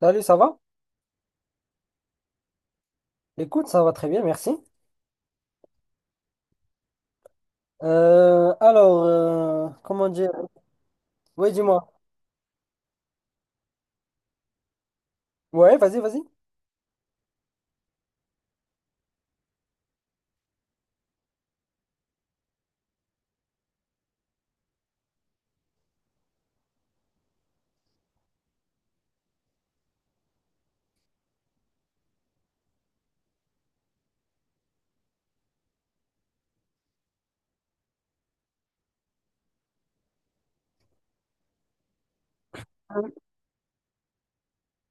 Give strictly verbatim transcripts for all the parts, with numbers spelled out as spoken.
Salut, ça va? Écoute, ça va très bien, merci. Euh, alors, euh, comment dire? Oui, dis-moi. Ouais, vas-y, vas-y.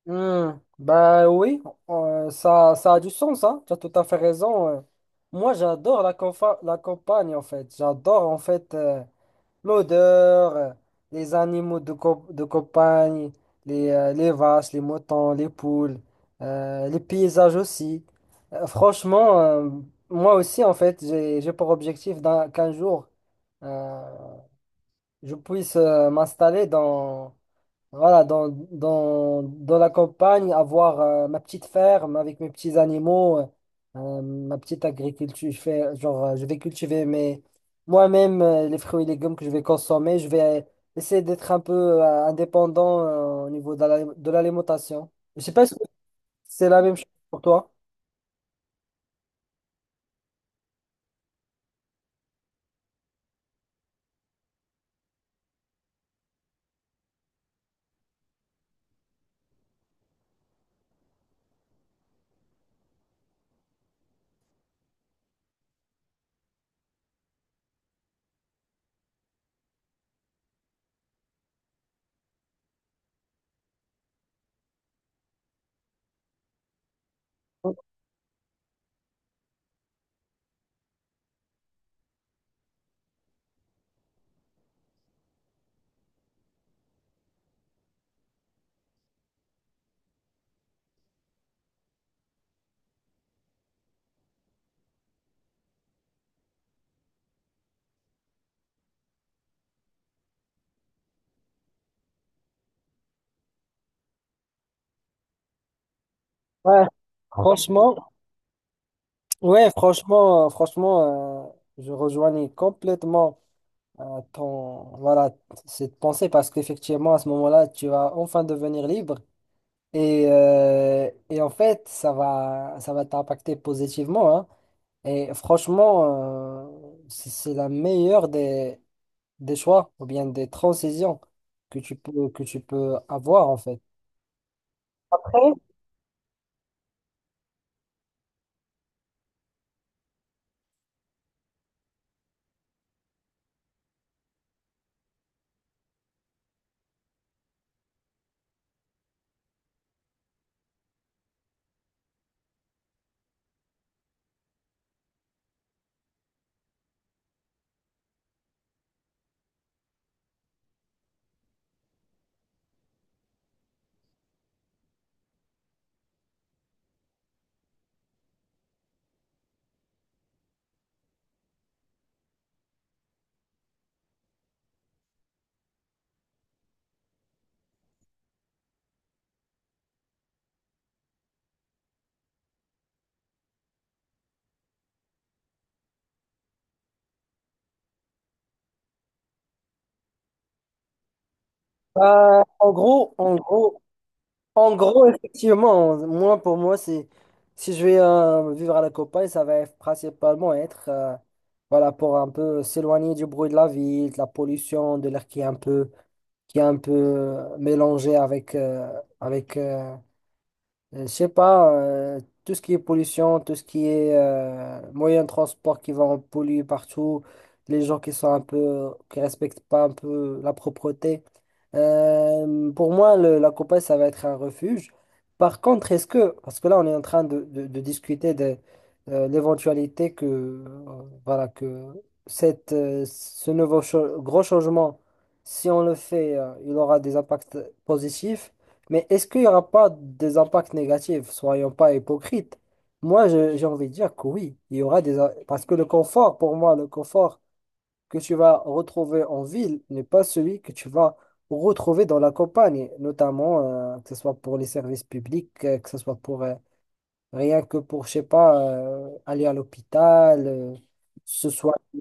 Hmm, Bah oui, euh, ça, ça a du sens, hein. Tu as tout à fait raison. euh. Moi, j'adore la, confa- la campagne, en fait. J'adore, en fait. euh, L'odeur, euh, les animaux de, co- de campagne, les, euh, les vaches, les moutons, les poules, euh, les paysages aussi. Euh, franchement, euh, moi aussi, en fait, j'ai, j'ai pour objectif d'un- qu'un jour, euh, je puisse euh, m'installer dans voilà, dans, dans, dans la campagne, avoir euh, ma petite ferme avec mes petits animaux, euh, euh, ma petite agriculture. Je fais, genre, euh, je vais cultiver mes, moi-même euh, les fruits et légumes que je vais consommer. Je vais essayer d'être un peu euh, indépendant euh, au niveau de la- de l'alimentation. Je sais pas si c'est la même chose pour toi. Ouais, franchement, ouais, franchement, euh, franchement, euh, je rejoignais complètement euh, ton, voilà, cette pensée parce qu'effectivement, à ce moment-là, tu vas enfin devenir libre. Et, euh, et en fait, ça va, ça va t'impacter positivement, hein. Et franchement, euh, c'est c'est la meilleure des, des choix ou bien des transitions que tu peux, que tu peux avoir, en fait. Après, euh, en gros, en gros, En gros, effectivement, moi, pour moi, c'est, si je vais euh, vivre à la campagne, ça va être principalement être, euh, voilà, pour un peu s'éloigner du bruit de la ville, de la pollution, de l'air qui est un peu, qui est un peu euh, mélangé avec, euh, avec euh, euh, je sais pas, euh, tout ce qui est pollution, tout ce qui est euh, moyen de transport qui va en polluer partout, les gens qui sont un peu, qui respectent pas un peu la propreté. Euh, pour moi, le- la Copa, ça va être un refuge. Par contre, est-ce que, parce que là, on est en train de, de- de discuter de euh, l'éventualité que, euh, voilà, que cette, euh, ce nouveau cha- gros changement, si on le fait, euh, il aura des impacts positifs. Mais est-ce qu'il n'y aura pas des impacts négatifs? Soyons pas hypocrites. Moi, je- j'ai envie de dire que oui, il y aura des... im- Parce que le confort, pour moi, le confort que tu vas retrouver en ville n'est pas celui que tu vas retrouver dans la campagne, notamment euh, que ce soit pour les services publics, euh, que ce soit pour euh, rien que pour, je sais pas, euh, aller à l'hôpital, euh, se soigner.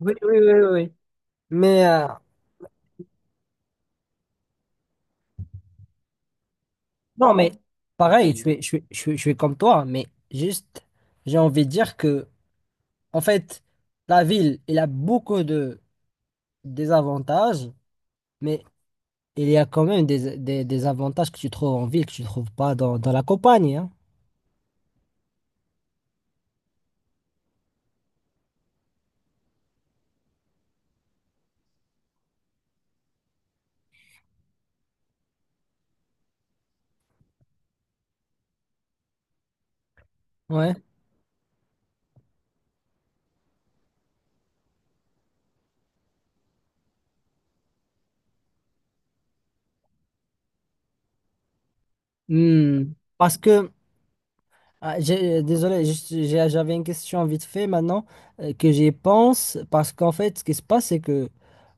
Oui, oui, oui, oui, oui. Mais euh, non, mais pareil, je suis, je suis, je suis- je suis comme toi, mais juste, j'ai envie de dire que en fait, la ville, elle a beaucoup de désavantages, mais il y a quand même des, des, des avantages que tu trouves en ville que tu ne trouves pas dans, dans la campagne, hein. Ouais. Hmm. Parce que, ah, j'ai- désolé, je j'ai- j'avais une question vite fait maintenant euh, que j'y pense. Parce qu'en fait, ce qui se passe, c'est que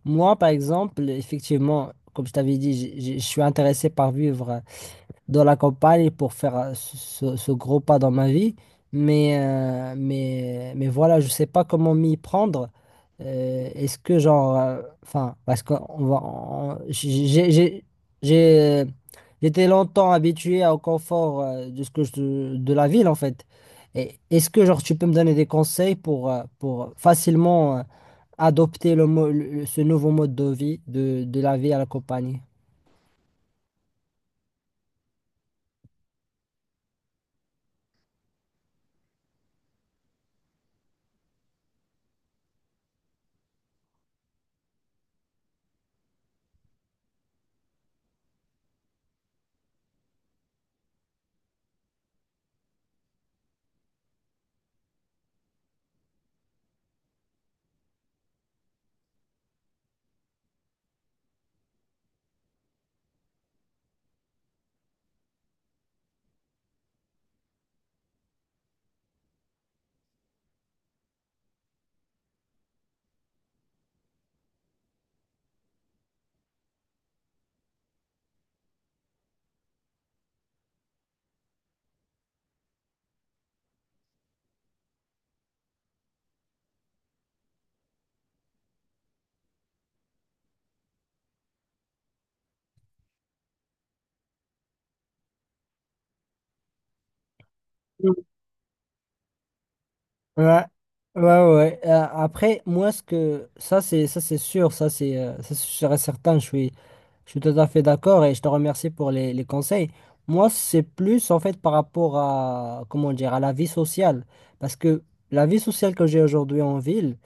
moi, par exemple, effectivement, comme je t'avais dit, j'ai- j'ai- je suis intéressé par vivre de la campagne pour faire euh, ce, ce- ce gros pas dans ma vie. Mais, euh, mais, mais voilà, je sais pas comment m'y prendre. Euh, est-ce que genre, euh, enfin, parce qu'on va, on- j'ai, j'ai, j'ai- j'ai- euh, j'étais longtemps habitué au confort euh, de ce que je- de la ville en fait. Et est-ce que genre tu peux me donner des conseils pour, euh, pour facilement euh, adopter le, mo- le- ce nouveau mode de vie de, de la vie à la campagne? Ouais, ouais, ouais, ouais. Euh, après, moi, ce que ça, c'est ça, c'est sûr, ça, c'est euh, ça, c'est sûr et certain. Je suis, je suis tout à fait d'accord et je te remercie pour les, les conseils. Moi, c'est plus en fait par rapport à comment dire à la vie sociale, parce que la vie sociale que j'ai aujourd'hui en ville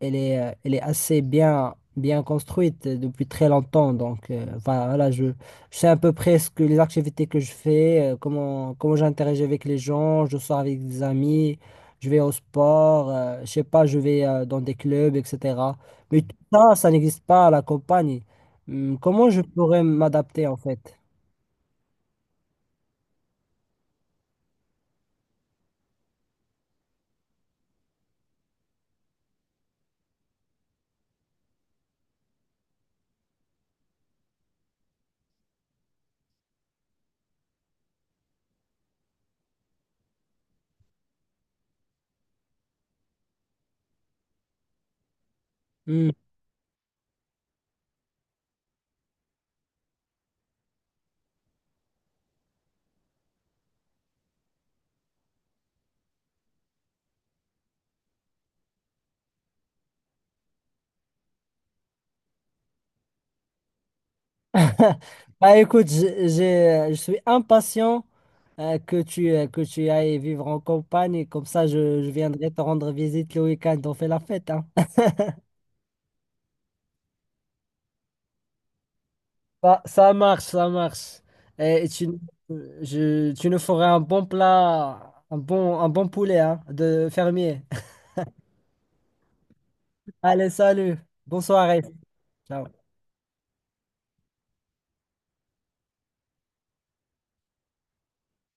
elle est, euh, elle est assez bien, bien construite euh, depuis très longtemps. Donc, euh, enfin, voilà, je, je sais à peu près ce que les activités que je fais, euh, comment, comment j'interagis avec les gens, je sors avec des amis, je vais au sport, euh, je sais pas, je vais euh, dans des clubs, et cetera. Mais tout ça, ça n'existe pas à la campagne. Hum, comment je pourrais m'adapter en fait? Hum. Bah écoute, j'ai- j'ai- je suis impatient euh, que tu, euh, que tu ailles vivre en campagne et comme ça je, je viendrai te rendre visite le week-end, on fait la fête, hein. Ça, ça marche, ça marche. Et, et tu, je, tu nous feras un bon plat, un bon, un bon poulet hein, de fermier. Allez, salut, bonne soirée. Ciao.